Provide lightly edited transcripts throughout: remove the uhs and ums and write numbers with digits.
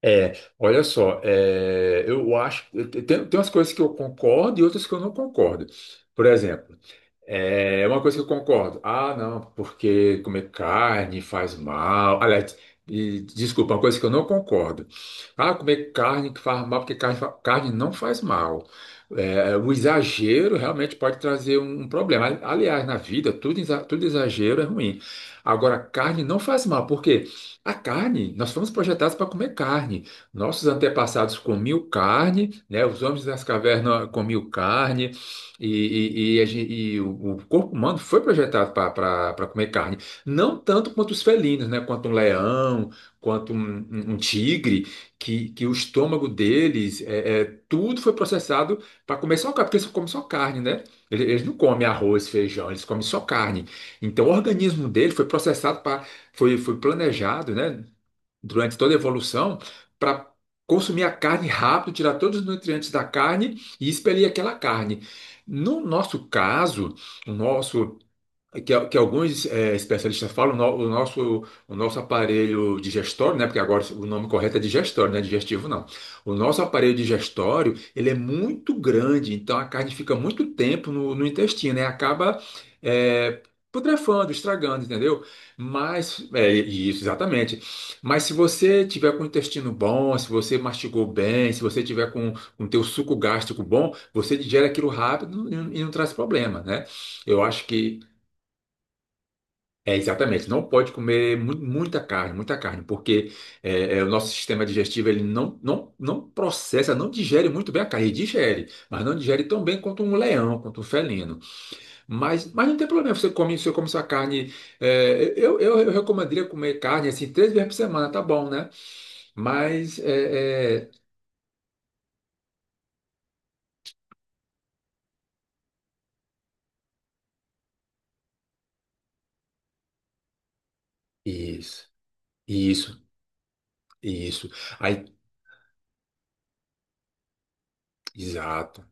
É, olha só, eu acho, tem umas coisas que eu concordo e outras que eu não concordo. Por exemplo, é uma coisa que eu concordo. Ah, não, porque comer carne faz mal. Aliás, desculpa, uma coisa que eu não concordo. Ah, comer carne que faz mal, porque carne não faz mal. É, o exagero realmente pode trazer um problema. Aliás, na vida, tudo exagero é ruim. Agora, carne não faz mal, porque a carne, nós fomos projetados para comer carne. Nossos antepassados comiam carne, né? Os homens das cavernas comiam carne. E o corpo humano foi projetado para comer carne. Não tanto quanto os felinos, né? Quanto um leão, quanto um tigre, que o estômago deles, tudo foi processado para comer só carne, porque eles comem só carne, né? Eles não comem arroz, feijão, eles comem só carne. Então o organismo dele foi processado foi planejado, né? Durante toda a evolução para consumir a carne rápido, tirar todos os nutrientes da carne e expelir aquela carne. No nosso caso, o nosso é que alguns especialistas falam, o nosso aparelho digestório, né? Porque agora o nome correto é digestório, não é digestivo, não. O nosso aparelho digestório, ele é muito grande, então a carne fica muito tempo no intestino, né? Acaba eh, putrefando, estragando, entendeu? Mas, isso, exatamente. Mas se você tiver com o intestino bom, se você mastigou bem, se você tiver com o teu suco gástrico bom, você digere aquilo rápido e não traz problema, né? Eu acho que é, exatamente. Não pode comer muita carne, muita carne, porque o nosso sistema digestivo ele não processa, não digere muito bem a carne. Ele digere, mas não digere tão bem quanto um leão, quanto um felino. Mas não tem problema, você come sua carne. Eu recomendaria comer carne assim três vezes por semana, tá bom, né? Mas isso, isso, isso. Aí, exato,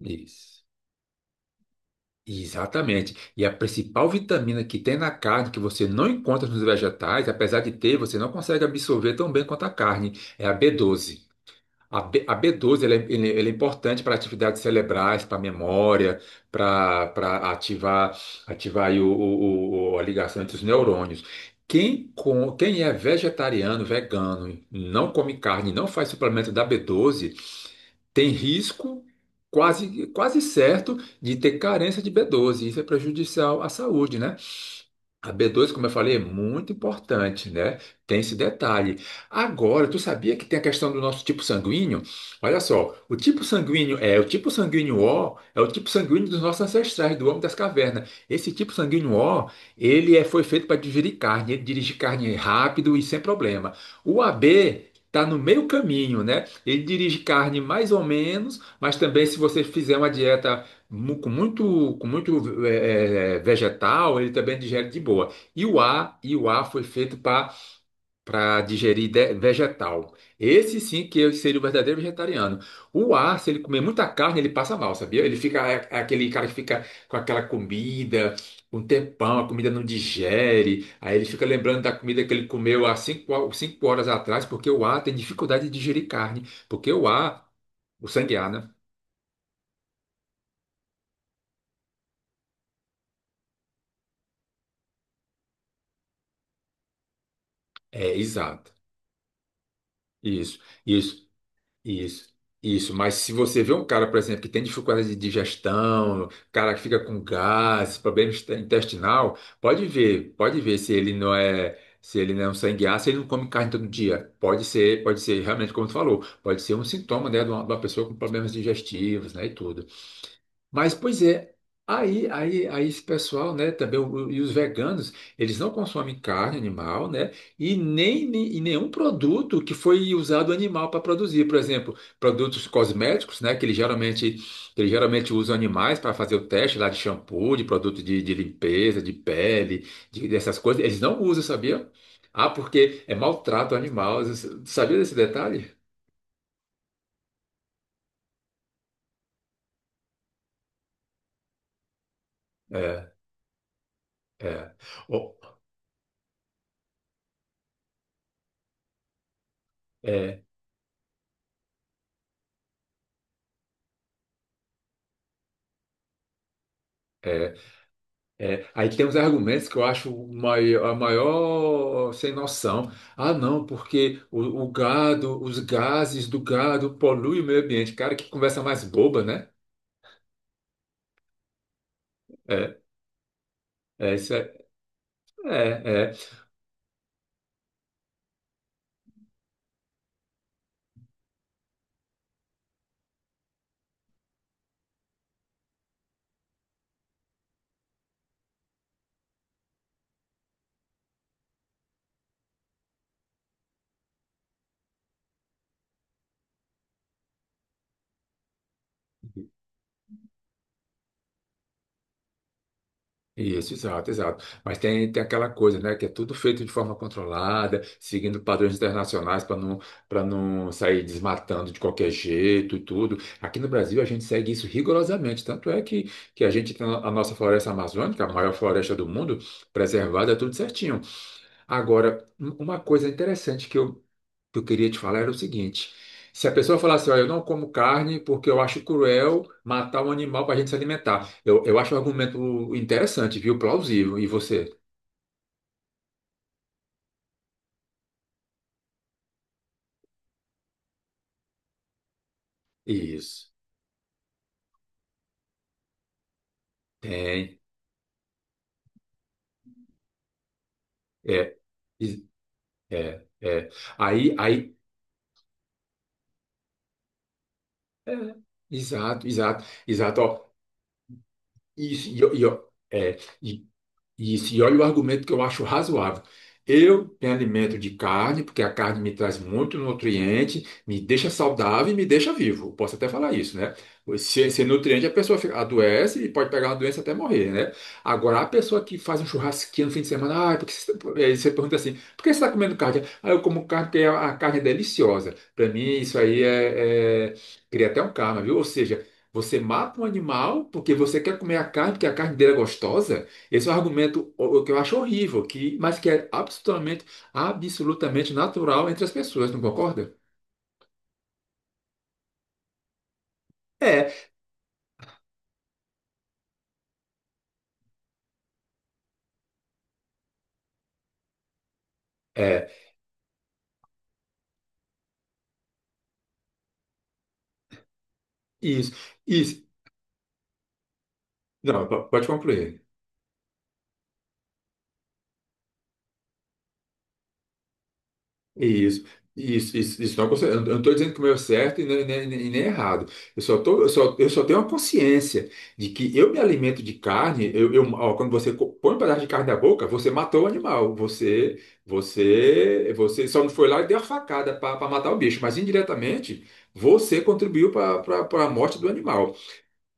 isso. Exatamente. E a principal vitamina que tem na carne, que você não encontra nos vegetais, apesar de ter, você não consegue absorver tão bem quanto a carne, é a B12. A B12 ele é importante para atividades cerebrais, para memória, para ativar aí a ligação entre os neurônios. Quem é vegetariano, vegano, não come carne, não faz suplemento da B12, tem risco quase, quase certo de ter carência de B12. Isso é prejudicial à saúde, né? A b dois, como eu falei, é muito importante, né? Tem esse detalhe. Agora, tu sabia que tem a questão do nosso tipo sanguíneo? Olha só, o tipo sanguíneo é o tipo sanguíneo O, é o tipo sanguíneo dos nossos ancestrais, do homem das cavernas. Esse tipo sanguíneo O, foi feito para digerir carne, ele dirige carne rápido e sem problema. O A B está no meio caminho, né? Ele dirige carne mais ou menos, mas também se você fizer uma dieta com muito vegetal, ele também digere de boa. E o A foi feito para digerir vegetal. Esse sim que eu seria o verdadeiro vegetariano. O A, se ele comer muita carne, ele passa mal, sabia? Ele fica aquele cara que fica com aquela comida um tempão, a comida não digere, aí ele fica lembrando da comida que ele comeu há cinco horas atrás, porque o A tem dificuldade de digerir carne, porque o sangue A, né? É, exato. Isso. Isso. Isso, isso. Mas se você vê um cara, por exemplo, que tem dificuldade de digestão, cara que fica com gases problema intestinal, pode ver se ele não é, um sangue ácido, se ele não come carne todo dia. Pode ser realmente como tu falou, pode ser um sintoma, né, de uma pessoa com problemas digestivos, né, e tudo. Mas, pois é, aí esse pessoal, né, também, e os veganos, eles não consomem carne animal, né, e nenhum produto que foi usado animal para produzir. Por exemplo, produtos cosméticos, né, que eles geralmente usam animais para fazer o teste lá de shampoo, de produto de limpeza, de pele, dessas coisas, eles não usam, sabia? Ah, porque é maltrato animal. Sabia desse detalhe? É, é. O- é. É. É, aí tem uns argumentos que eu acho a maior sem noção. Ah, não, porque o gado, os gases do gado poluem o meio ambiente. Cara, que conversa mais boba, né? É, é isso é, é. Isso, exato, exato. Mas tem aquela coisa, né, que é tudo feito de forma controlada, seguindo padrões internacionais para não sair desmatando de qualquer jeito e tudo. Aqui no Brasil a gente segue isso rigorosamente, tanto é que a gente tem a nossa floresta amazônica, a maior floresta do mundo, preservada, tudo certinho. Agora, uma coisa interessante que eu queria te falar era o seguinte: se a pessoa falar assim, olha, eu não como carne porque eu acho cruel matar um animal para a gente se alimentar, eu acho um argumento interessante, viu? Plausível. E você? Isso. Tem. É. is- É. É. Aí, aí. É. Exato, exato, exato. Ó, isso, e, ó, é, e Isso, e olha o argumento que eu acho razoável. Eu me alimento de carne, porque a carne me traz muito nutriente, me deixa saudável e me deixa vivo. Posso até falar isso, né? Sem nutriente, a pessoa adoece e pode pegar uma doença até morrer, né? Agora, a pessoa que faz um churrasquinho no fim de semana, aí você pergunta assim, por que você está comendo carne? Ah, eu como carne porque a carne é deliciosa. Para mim, isso aí é... Cria até um karma, viu? Ou seja, você mata um animal porque você quer comer a carne, porque a carne dele é gostosa. Esse é um argumento que eu acho horrível, mas que é absolutamente, absolutamente natural entre as pessoas, não concorda? É, é, isso, isso. Não, pode concluir. Isso, isso não, eu não estou dizendo que o meu é certo e nem é errado. Eu só, tô, eu só tenho a consciência de que eu me alimento de carne. Quando você põe um pedaço de carne na boca, você matou o animal. Você só não foi lá e deu a facada para matar o bicho, mas indiretamente você contribuiu para a morte do animal.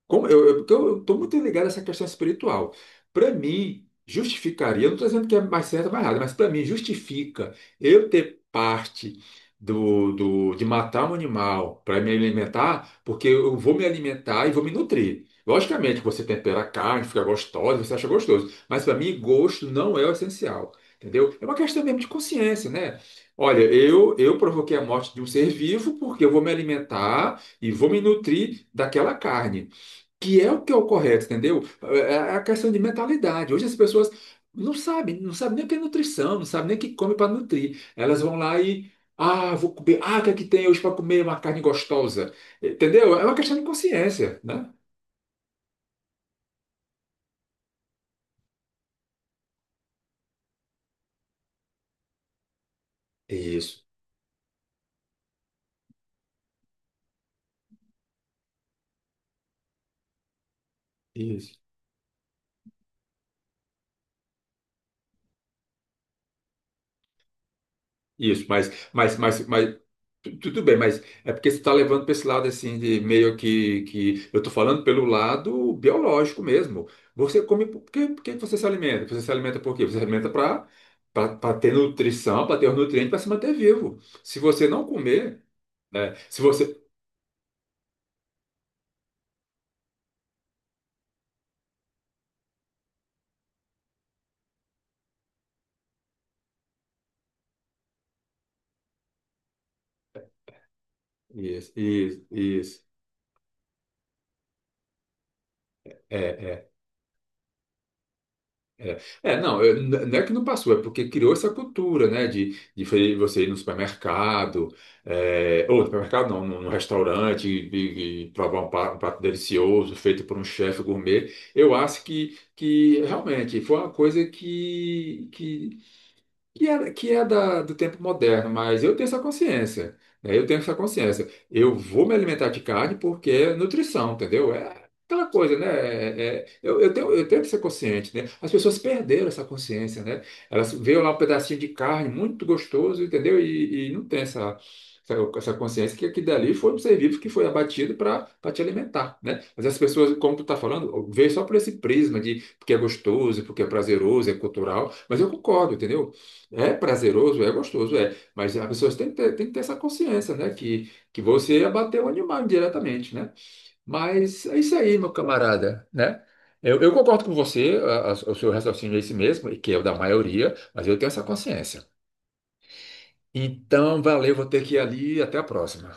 Porque eu estou muito ligado a essa questão espiritual. Para mim, justificaria, eu não estou dizendo que é mais certo ou mais errado, mas para mim, justifica eu ter parte de matar um animal para me alimentar, porque eu vou me alimentar e vou me nutrir. Logicamente, você tempera a carne, fica gostosa, você acha gostoso, mas para mim, gosto não é o essencial, entendeu? É uma questão mesmo de consciência, né? Olha, eu provoquei a morte de um ser vivo porque eu vou me alimentar e vou me nutrir daquela carne que é o correto, entendeu? É a questão de mentalidade. Hoje as pessoas não sabem, não sabem nem o que é nutrição, não sabem nem o que come para nutrir. Elas vão lá e, vou comer, o que é que tem hoje para comer uma carne gostosa? Entendeu? É uma questão de consciência, né? Isso, isso. Isso, tudo bem, mas é porque você está levando para esse lado assim de meio que eu estou falando pelo lado biológico mesmo. Você come por que você se alimenta? Você se alimenta por quê? Você se alimenta para ter nutrição, para ter os nutrientes, para se manter vivo. Se você não comer, né? Se você isso, isso, isso. É, é, É, não, não é que não passou, é porque criou essa cultura, né, de você ir no supermercado, ou no supermercado não, num restaurante e, provar um prato delicioso feito por um chefe gourmet. Eu acho que realmente foi uma coisa que é do tempo moderno, mas eu tenho essa consciência, né? Eu tenho essa consciência. Eu vou me alimentar de carne porque é nutrição, entendeu? É aquela coisa, né? Eu tenho que ser consciente, né? As pessoas perderam essa consciência, né? Elas veem lá um pedacinho de carne muito gostoso, entendeu? E não tem essa, essa consciência que aquilo dali foi um ser vivo que foi abatido para te alimentar, né? Mas as pessoas, como tu tá falando, vê só por esse prisma de porque é gostoso, porque é prazeroso, é cultural, mas eu concordo, entendeu? É prazeroso, é gostoso, é. Mas as pessoas têm que ter essa consciência, né? Que você abateu o animal indiretamente, né? Mas é isso aí, meu camarada, né? Eu concordo com você, o seu raciocínio é esse mesmo, e que é o da maioria, mas eu tenho essa consciência. Então, valeu, vou ter que ir ali, até a próxima.